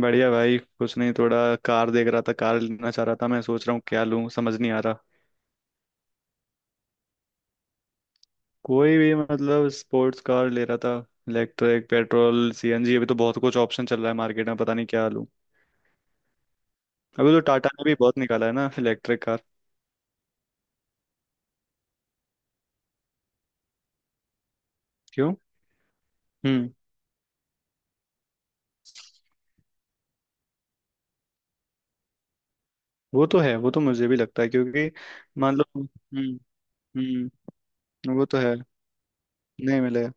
बढ़िया भाई। कुछ नहीं, थोड़ा कार देख रहा था, कार लेना चाह रहा था। मैं सोच रहा हूँ क्या लूँ, समझ नहीं आ रहा। कोई भी, मतलब स्पोर्ट्स कार ले रहा था। इलेक्ट्रिक, पेट्रोल, सीएनजी, अभी तो बहुत कुछ ऑप्शन चल रहा है मार्केट में, पता नहीं क्या लूँ। अभी तो टाटा ने भी बहुत निकाला है ना इलेक्ट्रिक कार। क्यों? हम्म। वो तो है, वो तो मुझे भी लगता है, क्योंकि मान लो। हम्म। हम्म। वो तो है। नहीं मिलेगा।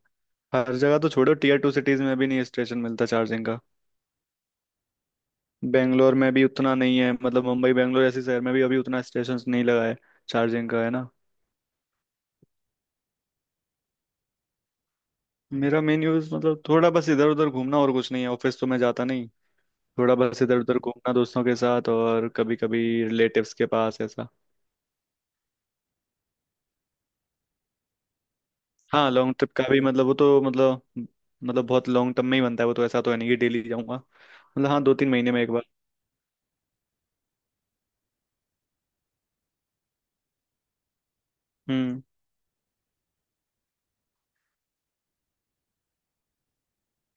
हर जगह तो छोड़ो, टीयर टू सिटीज में भी नहीं स्टेशन मिलता चार्जिंग का। बेंगलोर में भी उतना नहीं है, मतलब मुंबई, बेंगलोर, ऐसे शहर में भी अभी उतना स्टेशन नहीं लगा है चार्जिंग का, है ना। मेरा मेन यूज मतलब थोड़ा बस इधर उधर घूमना और कुछ नहीं है, ऑफिस तो मैं जाता नहीं। थोड़ा बस इधर उधर घूमना दोस्तों के साथ, और कभी कभी रिलेटिव्स के पास, ऐसा। हाँ लॉन्ग ट्रिप का भी मतलब, वो तो मतलब बहुत लॉन्ग टर्म में ही बनता है वो तो। ऐसा तो है नहीं कि डेली जाऊंगा, मतलब हाँ 2-3 महीने में एक बार। हम्म।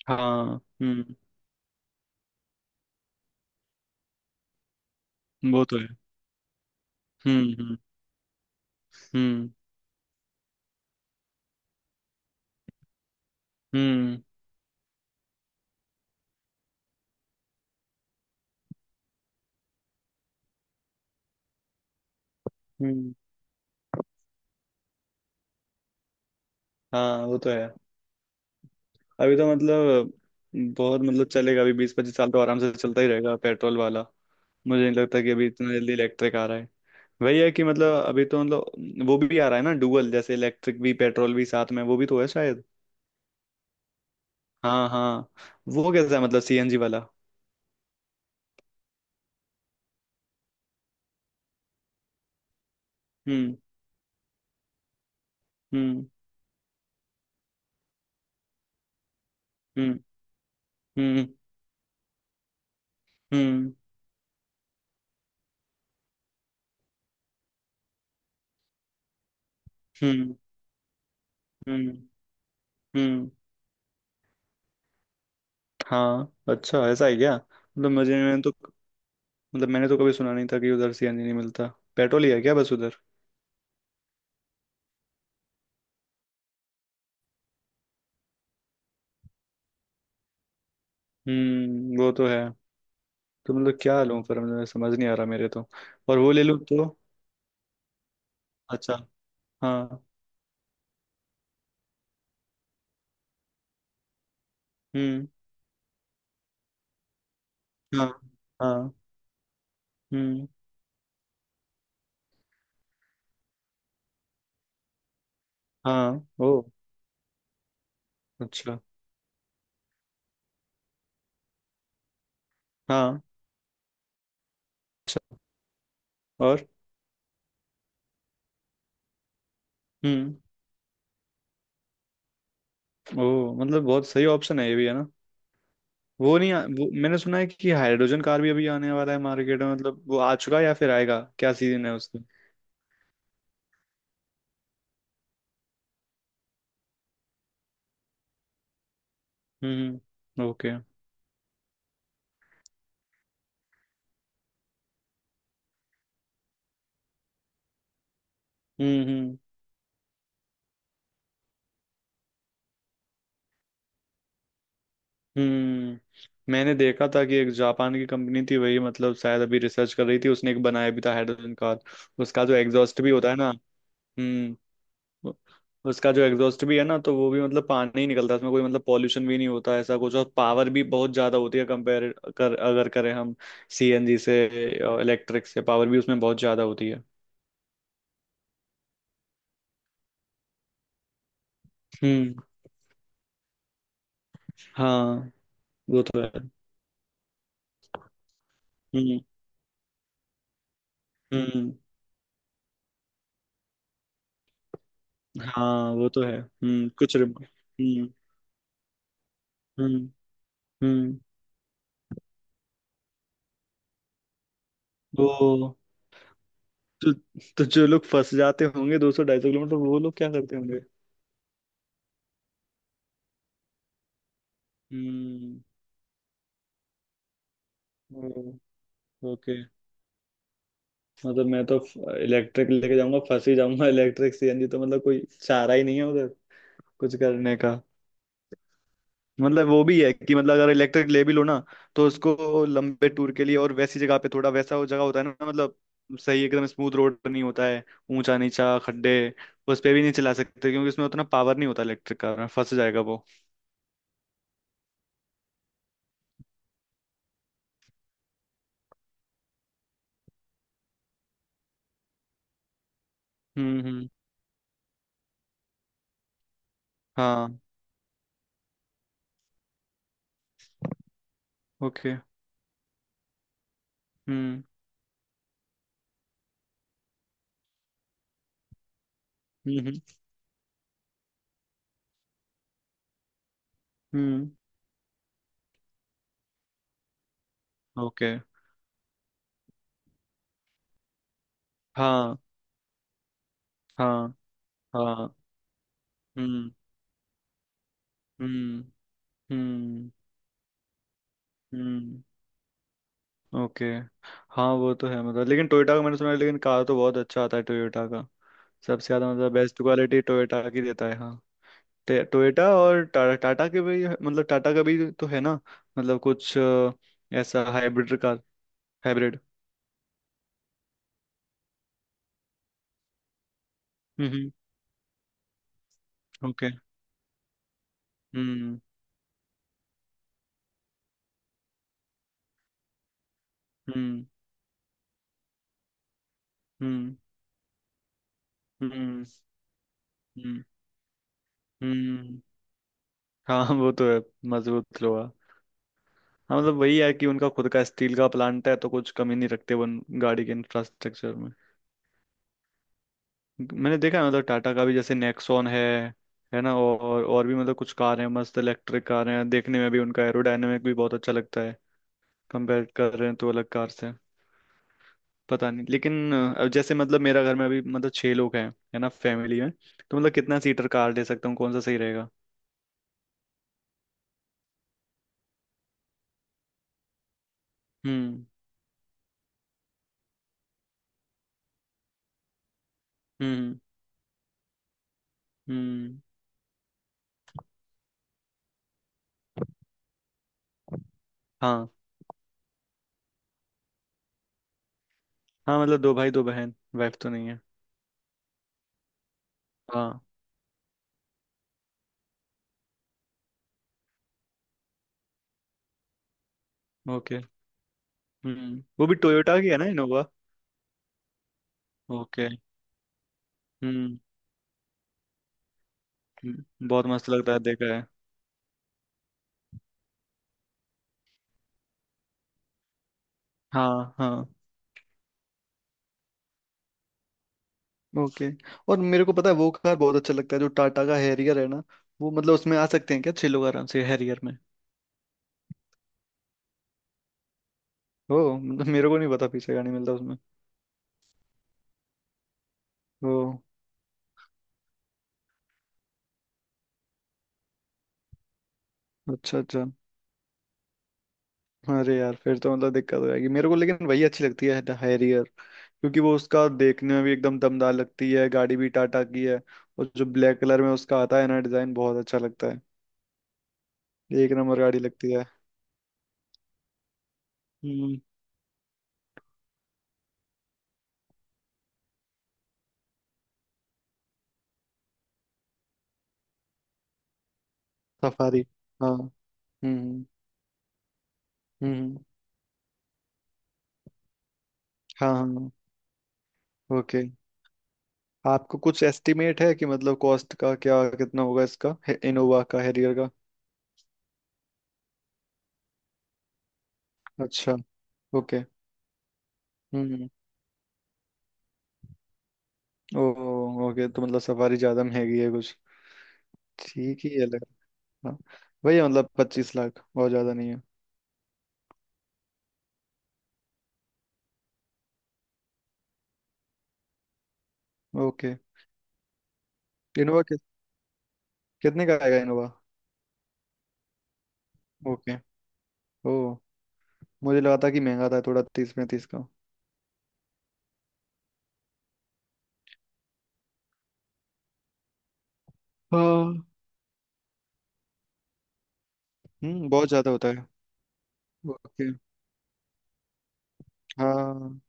हाँ। हम्म। वो तो है। हम्म। हम्म। हम्म। हम्म। हम्म। हाँ वो तो है। अभी तो मतलब बहुत, मतलब चलेगा अभी, 20-25 साल तो आराम से चलता ही रहेगा पेट्रोल वाला। मुझे नहीं लगता कि अभी इतना जल्दी इलेक्ट्रिक आ रहा है। वही है कि मतलब अभी तो, मतलब वो भी आ रहा है ना डुअल, जैसे इलेक्ट्रिक भी पेट्रोल भी साथ में, वो भी तो है शायद। हाँ हाँ। वो कैसा है मतलब, सीएनजी वाला? हम्म। हम्म। हम्म। हम्म। हम्म। हम्म। हम्म। हम्म। हाँ अच्छा, ऐसा है क्या? मतलब मुझे, मैंने तो मतलब मैंने तो कभी सुना नहीं था कि उधर सीएनजी नहीं मिलता। पेट्रोल ही है क्या बस उधर? हम्म। वो तो है। तो मतलब क्या लूँ फिर, मतलब समझ नहीं आ रहा मेरे तो। और वो ले लूँ तो? अच्छा। हाँ। हम्म। हाँ। हाँ। हम्म। हाँ। ओ। अच्छा। हाँ। अच्छा। और? हम्म। ओ मतलब बहुत सही ऑप्शन है ये भी, है ना? वो नहीं आ, वो मैंने सुना है कि हाइड्रोजन कार भी अभी आने वाला है मार्केट में। मतलब वो आ चुका है या फिर आएगा? क्या सीजन है उसका? हम्म। ओके। Okay। हम्म। हम्म। हम्म। मैंने देखा था कि एक जापान की कंपनी थी, वही मतलब शायद अभी रिसर्च कर रही थी, उसने एक बनाया भी था हाइड्रोजन कार। उसका जो एग्जॉस्ट भी होता है ना। हम्म। उ- उसका जो एग्जॉस्ट भी है ना तो वो भी मतलब पानी ही निकलता है उसमें, कोई मतलब पॉल्यूशन भी नहीं होता ऐसा कुछ, और पावर भी बहुत ज्यादा होती है कंपेयर कर, अगर करें हम सीएनजी से, इलेक्ट्रिक से, पावर भी उसमें बहुत ज्यादा होती है। हम्म। हाँ वो तो है। हम्म। हम्म। हाँ वो तो है। हम्म। हम्म। हम्म। हम्म। वो तो। तो जो लोग फंस जाते होंगे 200-250 किलोमीटर, वो लोग क्या करते होंगे? हम्म। ओके। मतलब मैं तो इलेक्ट्रिक लेके जाऊंगा फंस ही जाऊंगा इलेक्ट्रिक, सीएनजी तो मतलब कोई चारा ही नहीं है उधर कुछ करने का। मतलब वो भी है कि मतलब अगर इलेक्ट्रिक ले भी लो ना, तो उसको लंबे टूर के लिए और वैसी जगह पे, थोड़ा वैसा वो जगह होता है ना मतलब, सही एकदम स्मूथ रोड नहीं होता है, ऊंचा नीचा खड्डे, उस पे भी नहीं चला सकते क्योंकि उसमें उतना पावर नहीं होता इलेक्ट्रिक का, फंस जाएगा वो। हम्म। हम्म। हाँ। ओके। हम्म। हम्म। हम्म। हम्म। ओके। हाँ। हाँ। हाँ। हम्म। हम्म। हम्म। हम्म। ओके। हाँ वो तो है, मतलब, लेकिन टोयोटा का मैंने सुना है लेकिन, कार तो बहुत अच्छा आता है टोयोटा का। सबसे ज़्यादा मतलब बेस्ट क्वालिटी टोयोटा की देता है, हाँ। टोयोटा और टाटा, टाटा के भी मतलब टाटा का भी तो है ना, मतलब कुछ ऐसा हाइब्रिड कार, हाइब्रिड। हम्म। हम्म। ओके। हम्म। हम्म। हम्म। हम्म। हम्म। हम्म, हाँ वो तो है। मजबूत लोहा। हाँ मतलब वही है कि उनका खुद का स्टील का प्लांट है, तो कुछ कमी नहीं रखते वो उन गाड़ी के इंफ्रास्ट्रक्चर में। मैंने देखा है मतलब टाटा का भी, जैसे नेक्सॉन है ना, और भी मतलब कुछ कार हैं, मस्त इलेक्ट्रिक कार हैं, देखने में भी उनका एरोडायनेमिक भी बहुत अच्छा लगता है कंपेयर कर रहे हैं तो अलग कार से। पता नहीं, लेकिन जैसे मतलब मेरा घर में अभी मतलब छह लोग हैं, है ना फैमिली में, तो मतलब कितना सीटर कार ले सकता हूँ, कौन सा सही रहेगा? हम्म। हम्म। हम्म। हाँ। हाँ मतलब दो भाई दो बहन, वाइफ तो नहीं है। हाँ। ओके। वो भी टोयोटा की है ना इनोवा? ओके। हम्म। बहुत मस्त लगता है, देखा है। हाँ हाँ। ओके। और मेरे को पता है वो कार बहुत अच्छा लगता है जो टाटा का हैरियर है ना, वो। मतलब उसमें आ सकते हैं क्या छह लोग आराम से हैरियर में? ओ मतलब मेरे को नहीं पता पीछे गाड़ी मिलता उसमें। ओ अच्छा, अच्छा। अरे यार, फिर तो मतलब दिक्कत हो जाएगी मेरे को, लेकिन वही अच्छी लगती है हैरियर, क्योंकि वो उसका देखने में भी एकदम दमदार लगती है, गाड़ी भी टाटा की है, और जो ब्लैक कलर में उसका आता है ना, डिजाइन बहुत अच्छा लगता है। एक नंबर गाड़ी लगती है। सफारी। हाँ। हम्म। हम्म। हाँ। हाँ। ओके। आपको कुछ एस्टिमेट है कि मतलब कॉस्ट का क्या कितना होगा इसका, इनोवा का, हैरियर का? अच्छा। ओके। हम्म। ओ। ओके तो मतलब सफारी ज्यादा महंगी है कुछ। ठीक ही है लग हाँ वही है, मतलब 25 लाख और ज्यादा नहीं है। ओके। इनोवा कि, कितने का आएगा इनोवा? ओके। ओ। मुझे लगा था कि महंगा था थोड़ा, 30-35 का। हाँ। हम्म, बहुत ज्यादा होता है। ओके। हाँ।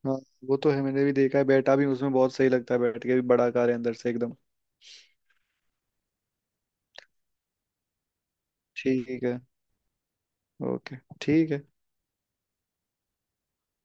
हाँ वो तो है, मैंने भी देखा है, बैठा भी उसमें, बहुत सही लगता है बैठ के भी, बड़ा कार है अंदर से एकदम। ठीक है। ओके ठीक है।